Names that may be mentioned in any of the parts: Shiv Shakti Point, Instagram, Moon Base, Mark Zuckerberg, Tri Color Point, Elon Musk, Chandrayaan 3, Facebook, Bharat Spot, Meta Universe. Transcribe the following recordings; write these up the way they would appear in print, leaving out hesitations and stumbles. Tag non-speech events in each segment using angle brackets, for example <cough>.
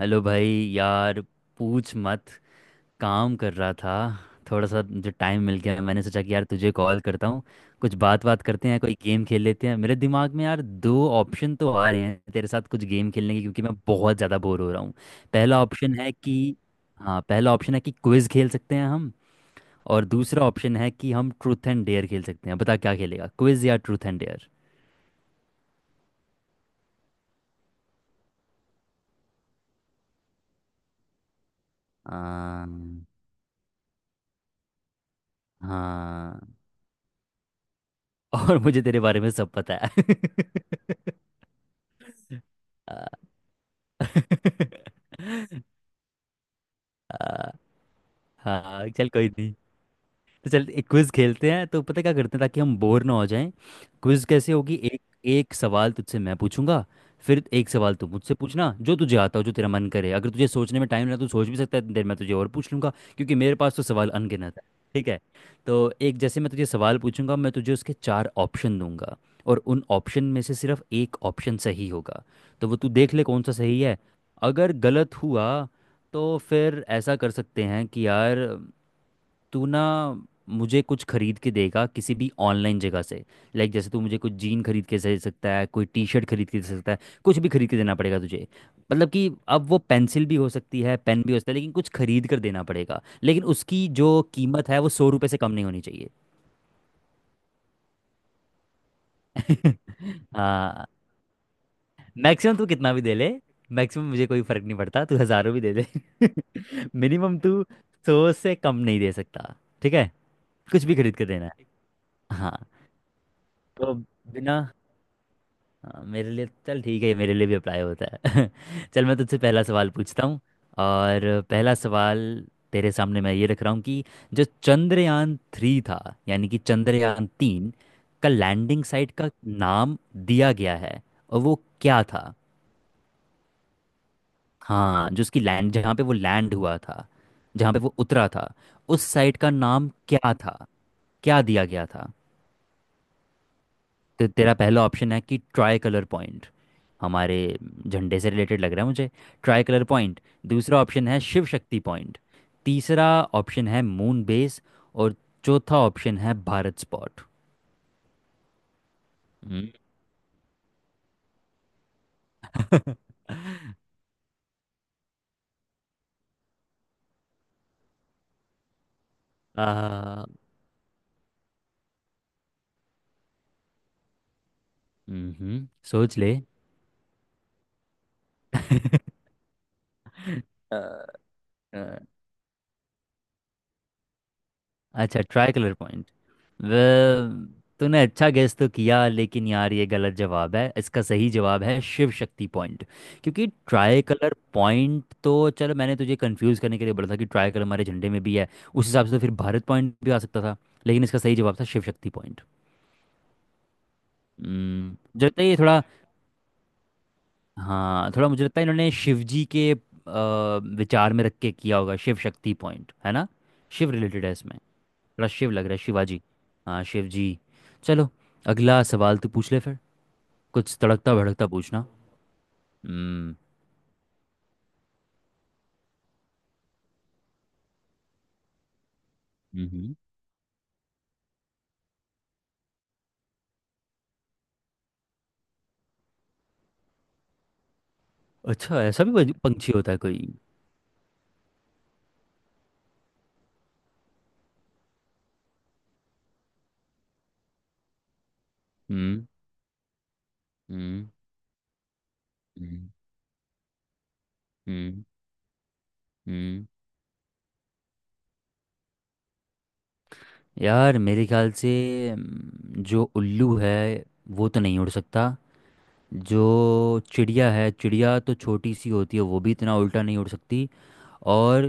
Hello भाई। यार पूछ मत। काम कर रहा था। थोड़ा सा जो टाइम मिल गया मैंने सोचा कि यार तुझे कॉल करता हूँ। कुछ बात बात करते हैं कोई गेम खेल लेते हैं। मेरे दिमाग में यार दो ऑप्शन तो आ रहे हैं तेरे साथ कुछ गेम खेलने के, क्योंकि मैं बहुत ज़्यादा बोर हो रहा हूँ। पहला ऑप्शन है कि हाँ, पहला ऑप्शन है कि क्विज़ खेल सकते हैं हम। और दूसरा ऑप्शन है कि हम ट्रूथ एंड डेयर खेल सकते हैं। बता क्या खेलेगा, क्विज़ या ट्रूथ एंड डेयर। हाँ <laughs> और मुझे तेरे बारे में सब पता है। <laughs> <laughs> आ, हाँ चल कोई नहीं। तो चल एक क्विज खेलते हैं, तो पता है क्या करते हैं ताकि हम बोर ना हो जाएं। क्विज कैसे होगी, एक एक सवाल तुझसे मैं पूछूंगा। फिर एक सवाल तू मुझसे पूछना जो तुझे आता हो जो तेरा मन करे। अगर तुझे सोचने में टाइम लगा तू सोच भी सकता है, इतनी देर में तुझे और पूछ लूंगा क्योंकि मेरे पास तो सवाल अनगिनत है। ठीक है। तो एक, जैसे मैं तुझे सवाल पूछूंगा मैं तुझे उसके चार ऑप्शन दूंगा। और उन ऑप्शन में से सिर्फ एक ऑप्शन सही होगा। तो वो तू देख ले कौन सा सही है। अगर गलत हुआ तो फिर ऐसा कर सकते हैं कि यार, तू ना मुझे कुछ खरीद के देगा किसी भी ऑनलाइन जगह से। लाइक जैसे तू मुझे कुछ जीन खरीद के दे सकता है, कोई टी शर्ट खरीद के दे सकता है। कुछ भी खरीद के देना पड़ेगा तुझे। मतलब कि अब वो पेंसिल भी हो सकती है, पेन भी हो सकता है, लेकिन कुछ खरीद कर देना पड़ेगा। लेकिन उसकी जो कीमत है वो 100 रुपये से कम नहीं होनी चाहिए। <laughs> हाँ। मैक्सिमम तू कितना भी दे ले। मैक्सिमम मुझे कोई फर्क नहीं पड़ता, तू हज़ारों भी दे दे। <laughs> मिनिमम तू सौ से कम नहीं दे सकता। ठीक है। कुछ भी खरीद के देना है। हाँ। तो बिना हाँ, मेरे लिए चल ठीक है, मेरे लिए भी अप्लाई होता है। <laughs> चल मैं तुझसे पहला सवाल पूछता हूँ। और पहला सवाल तेरे सामने मैं ये रख रहा हूँ कि जो चंद्रयान थ्री था, यानी कि चंद्रयान तीन का लैंडिंग साइट का नाम दिया गया है, और वो क्या था। हाँ जो उसकी लैंड जहाँ पे वो लैंड हुआ था, जहाँ पे वो उतरा था, उस साइट का नाम क्या था, क्या दिया गया था। तो तेरा पहला ऑप्शन है कि ट्राई कलर पॉइंट, हमारे झंडे से रिलेटेड लग रहा है मुझे, ट्राई कलर पॉइंट। दूसरा ऑप्शन है शिव शक्ति पॉइंट। तीसरा ऑप्शन है मून बेस। और चौथा ऑप्शन है भारत स्पॉट। हम्म। <laughs> आ, सोच ले <laughs> अ, अ, अच्छा, ट्राई कलर पॉइंट। वह, तूने अच्छा गेस तो किया लेकिन यार ये गलत जवाब है, इसका सही जवाब है शिव शक्ति पॉइंट। क्योंकि ट्राई कलर पॉइंट तो चलो मैंने तुझे कंफ्यूज करने के लिए बोला था कि ट्राई कलर हमारे झंडे में भी है, उस हिसाब से तो फिर भारत पॉइंट भी आ सकता था। लेकिन इसका सही जवाब था शिव शक्ति पॉइंट। मुझे लगता है ये थोड़ा हाँ थोड़ा मुझे लगता है इन्होंने शिव जी के विचार में रख के किया होगा, शिव शक्ति पॉइंट है ना। शिव रिलेटेड है इसमें, थोड़ा शिव लग रहा है, शिवाजी। हाँ शिव जी। चलो, अगला सवाल तू पूछ ले फिर। कुछ तड़कता भड़कता पूछना। हम्म। हम्म। अच्छा, ऐसा भी पंछी होता है कोई। हम्म। हम्म। हम्म। हम्म। हम्म। यार मेरे ख्याल से, जो उल्लू है वो तो नहीं उड़ सकता। जो चिड़िया है, चिड़िया तो छोटी सी होती है, वो भी इतना उल्टा नहीं उड़ सकती। और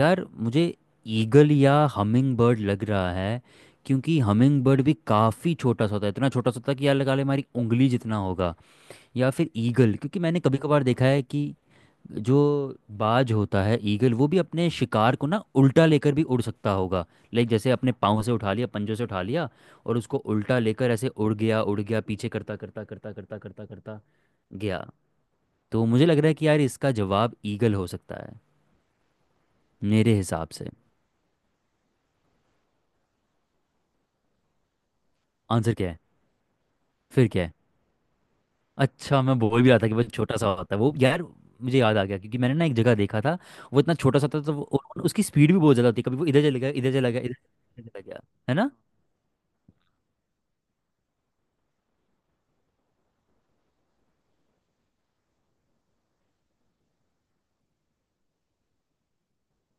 यार मुझे ईगल या हमिंग बर्ड लग रहा है। क्योंकि हमिंग बर्ड भी काफ़ी छोटा सा होता है, इतना छोटा सा होता है कि यार लगा ले हमारी उंगली जितना होगा। या फिर ईगल, क्योंकि मैंने कभी कभार देखा है कि जो बाज होता है, ईगल, वो भी अपने शिकार को ना उल्टा लेकर भी उड़ सकता होगा। लाइक जैसे अपने पाँव से उठा लिया, पंजों से उठा लिया, और उसको उल्टा लेकर ऐसे उड़ गया, उड़ गया, पीछे करता करता करता करता करता करता गया। तो मुझे लग रहा है कि यार इसका जवाब ईगल हो सकता है, मेरे हिसाब से। आंसर क्या है? फिर क्या है? अच्छा, मैं बोल भी रहा था कि वो छोटा सा होता है वो यार। मुझे याद आ गया क्योंकि मैंने ना एक जगह देखा था, वो इतना छोटा सा था तो वो, और उसकी स्पीड भी बहुत ज़्यादा होती है। कभी वो इधर चले गया, इधर चला गया, इधर, इधर चला गया, है ना।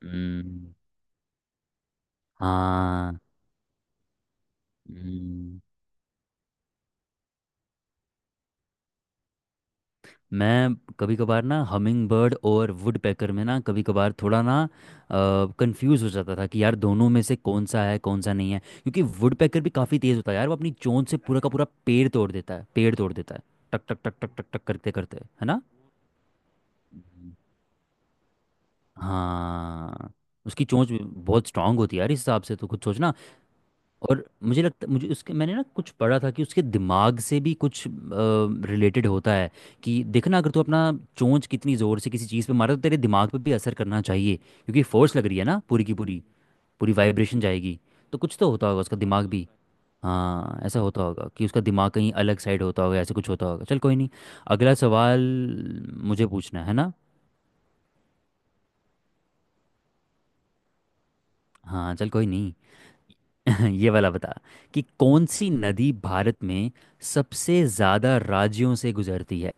हम्म। हाँ। हम्म। मैं कभी कभार ना हमिंग बर्ड और वुड पैकर में ना कभी कभार थोड़ा ना कंफ्यूज हो जाता था कि यार दोनों में से कौन सा है कौन सा नहीं है। क्योंकि वुड पैकर भी काफ़ी तेज़ होता है यार, वो अपनी चोंच से पूरा का पूरा पेड़ तोड़ देता है, पेड़ तोड़ देता है। टक टक टक टक टक टक करते करते। है ना। हाँ। उसकी चोंच भी बहुत स्ट्रांग होती है यार, इस हिसाब से तो कुछ सोचना। और मुझे लगता मुझे उसके मैंने ना कुछ पढ़ा था कि उसके दिमाग से भी कुछ रिलेटेड होता है। कि देखना अगर तू अपना चोंच कितनी ज़ोर से किसी चीज़ पे मारे, तो तेरे दिमाग पे भी असर करना चाहिए। क्योंकि फोर्स लग रही है ना पूरी की पूरी, पूरी वाइब्रेशन जाएगी। तो कुछ तो होता होगा उसका दिमाग भी। हाँ, ऐसा होता होगा कि उसका दिमाग कहीं अलग साइड होता होगा, ऐसे कुछ होता होगा। चल कोई नहीं। अगला सवाल मुझे पूछना है ना। हाँ चल कोई नहीं। <laughs> ये वाला बता कि कौन सी नदी भारत में सबसे ज्यादा राज्यों से गुजरती है।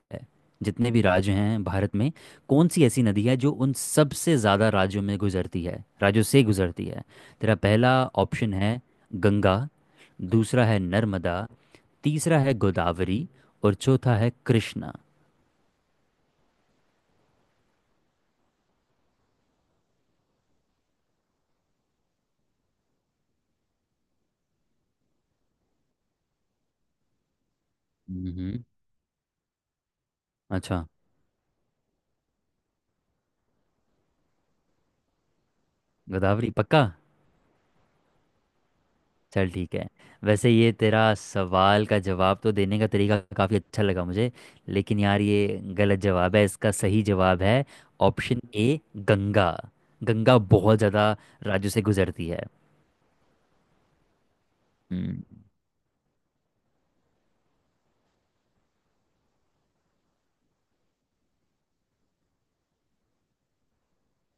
जितने भी राज्य हैं भारत में, कौन सी ऐसी नदी है जो उन सबसे ज्यादा राज्यों में गुजरती है, राज्यों से गुजरती है। तेरा पहला ऑप्शन है गंगा। दूसरा है नर्मदा। तीसरा है गोदावरी। और चौथा है कृष्णा। हम्म। अच्छा, गोदावरी पक्का। चल ठीक है। वैसे ये तेरा सवाल का जवाब तो देने का तरीका काफ़ी अच्छा लगा मुझे, लेकिन यार ये गलत जवाब है। इसका सही जवाब है ऑप्शन ए, गंगा। गंगा बहुत ज़्यादा राज्यों से गुजरती है। हम्म।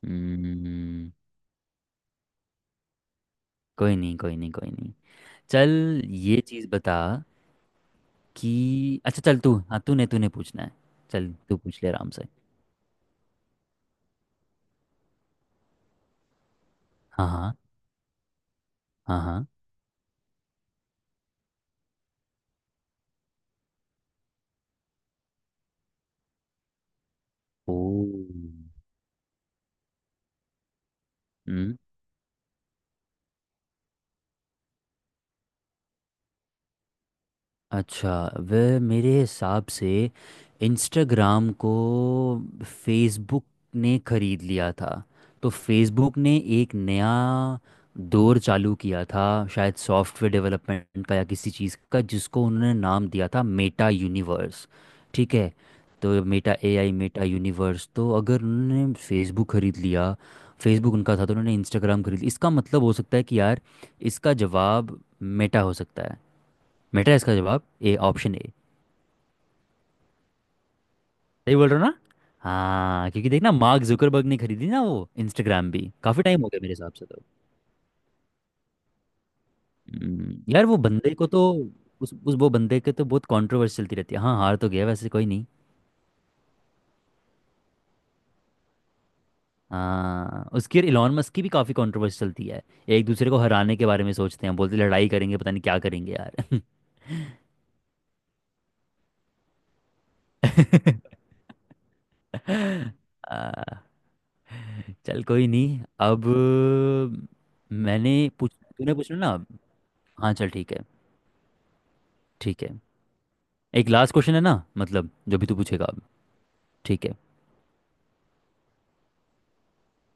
हम्म। कोई नहीं, कोई नहीं, कोई नहीं। चल ये चीज़ बता कि अच्छा चल तू, हाँ तूने तूने पूछना है। चल तू पूछ ले आराम से। हाँ हाँ हाँ हाँ। ओ। हम्म। अच्छा, वह मेरे हिसाब से इंस्टाग्राम को फेसबुक ने खरीद लिया था। तो फेसबुक ने एक नया दौर चालू किया था, शायद सॉफ्टवेयर डेवलपमेंट का या किसी चीज़ का, जिसको उन्होंने नाम दिया था मेटा यूनिवर्स। ठीक है। तो मेटा एआई, मेटा यूनिवर्स, तो अगर उन्होंने फेसबुक खरीद लिया, फेसबुक उनका था, तो उन्होंने इंस्टाग्राम खरीद लिया। इसका मतलब हो सकता है कि यार, इसका जवाब मेटा हो सकता है। मेटा है इसका जवाब, ए, ऑप्शन ए। सही बोल रहे हो ना। हाँ क्योंकि देखना, मार्क जुकरबर्ग ने खरीदी ना वो इंस्टाग्राम, भी काफी टाइम हो गया मेरे हिसाब से तो। यार वो बंदे को तो उस वो बंदे के तो बहुत कंट्रोवर्सी चलती रहती है। हाँ हार तो गया वैसे, कोई नहीं। हाँ उसकी और इलॉन मस्क की भी काफी कंट्रोवर्सी चलती है। एक दूसरे को हराने के बारे में सोचते हैं, बोलते लड़ाई करेंगे, पता नहीं क्या करेंगे यार। <laughs> आ, चल कोई नहीं। अब मैंने पूछ तूने पूछना ना। हाँ चल ठीक है। ठीक है। एक लास्ट क्वेश्चन है ना, मतलब जो भी तू पूछेगा अब। ठीक है।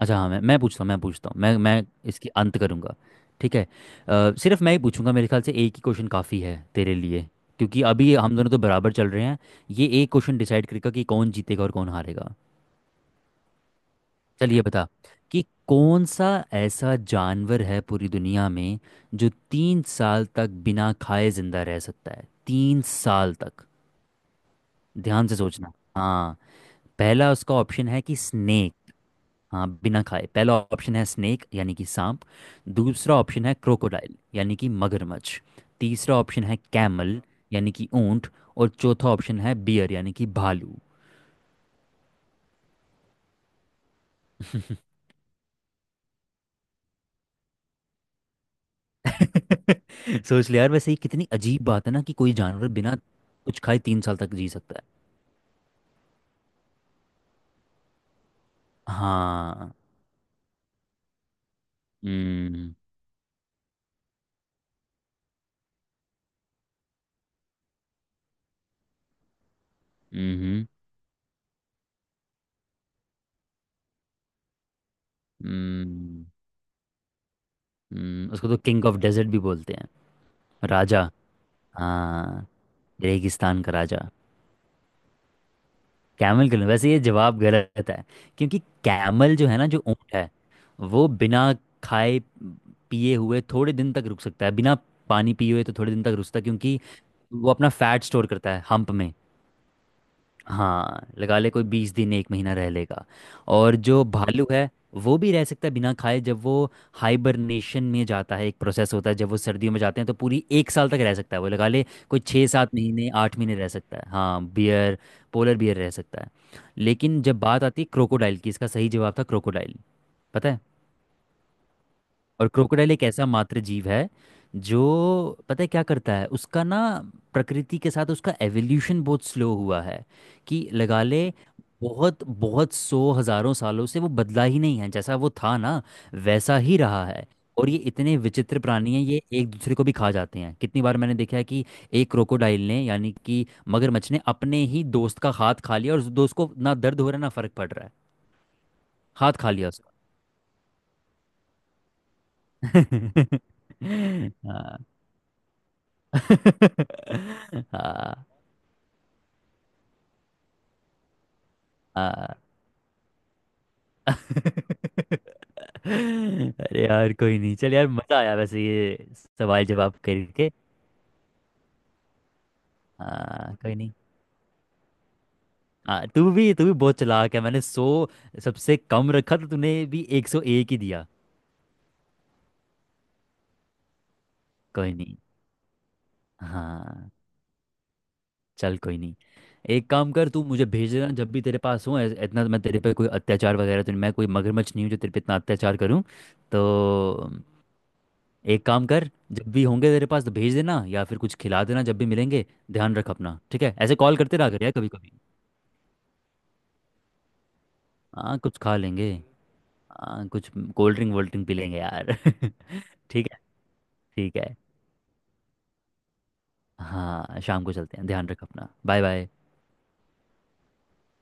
अच्छा हाँ मैं पूछता हूँ मैं इसकी अंत करूँगा। ठीक है। सिर्फ मैं ही पूछूंगा, मेरे ख्याल से एक ही क्वेश्चन काफ़ी है तेरे लिए। क्योंकि अभी हम दोनों तो बराबर चल रहे हैं, ये एक क्वेश्चन डिसाइड करेगा कि कौन जीतेगा और कौन हारेगा। चलिए बता कि कौन सा ऐसा जानवर है पूरी दुनिया में जो 3 साल तक बिना खाए जिंदा रह सकता है, तीन साल तक। ध्यान से सोचना। हाँ, पहला उसका ऑप्शन है कि स्नेक। हाँ बिना खाए। पहला ऑप्शन है स्नेक, यानी कि सांप। दूसरा ऑप्शन है क्रोकोडाइल, यानी कि मगरमच्छ। तीसरा ऑप्शन है कैमल, यानी कि ऊंट। और चौथा ऑप्शन है बियर, यानी कि भालू। <laughs> सोच ले यार। वैसे ये कितनी अजीब बात है ना कि कोई जानवर बिना कुछ खाए तीन साल तक जी सकता है। हाँ। हम्म। हम्म। हम्म। हम्म। उसको तो किंग ऑफ डेजर्ट भी बोलते हैं। राजा। हाँ, रेगिस्तान का राजा। कैमल के लिए वैसे ये जवाब गलत है। क्योंकि कैमल जो है ना, जो ऊँट है, वो बिना खाए पिए हुए थोड़े दिन तक रुक सकता है। बिना पानी पिए हुए तो थोड़े दिन तक रुकता है, क्योंकि वो अपना फैट स्टोर करता है हम्प में। हाँ लगा ले कोई 20 दिन, एक महीना रह लेगा। और जो भालू है वो भी रह सकता है बिना खाए, जब वो हाइबरनेशन में जाता है, एक प्रोसेस होता है जब वो सर्दियों में जाते हैं, तो पूरी एक साल तक रह सकता है वो, लगा ले कोई छः सात महीने 8 महीने रह सकता है। हाँ बियर, पोलर बियर रह सकता है। लेकिन जब बात आती है क्रोकोडाइल की, इसका सही जवाब था क्रोकोडाइल, पता है। और क्रोकोडाइल एक ऐसा मात्र जीव है जो पता है क्या करता है उसका ना, प्रकृति के साथ उसका एवोल्यूशन बहुत स्लो हुआ है। कि लगा ले बहुत बहुत सौ हजारों सालों से वो बदला ही नहीं है, जैसा वो था ना वैसा ही रहा है। और ये इतने विचित्र प्राणी हैं, ये एक दूसरे को भी खा जाते हैं। कितनी बार मैंने देखा है कि एक क्रोकोडाइल ने, यानी कि मगरमच्छ ने, अपने ही दोस्त का हाथ खा लिया, और उस दोस्त को ना दर्द हो रहा है ना फर्क पड़ रहा है। हाथ खा लिया उसका। <laughs> हाँ <laughs> हाँ। हाँ अरे यार कोई नहीं, चल यार मजा आया वैसे ये सवाल जवाब करके। हाँ कोई नहीं। हाँ तू भी बहुत चालाक है, मैंने सौ सबसे कम रखा तो तूने भी 101 ही दिया। कोई नहीं। हाँ चल कोई नहीं। एक काम कर तू मुझे भेज देना जब भी तेरे पास हो इतना, तो मैं तेरे पे कोई अत्याचार वगैरह तो नहीं- मैं कोई मगरमच्छ नहीं हूँ जो तेरे पे इतना अत्याचार करूँ। तो एक काम कर, जब भी होंगे तेरे पास तो भेज देना, या फिर कुछ खिला देना जब भी मिलेंगे। ध्यान रख अपना, ठीक है, ऐसे कॉल करते रहा कर यार कभी कभी। हाँ कुछ खा लेंगे। हाँ कुछ कोल्ड ड्रिंक वोल्ड ड्रिंक पी लेंगे यार <laughs> ठीक है। ठीक है। हाँ शाम को चलते हैं। ध्यान रख अपना। Bye bye.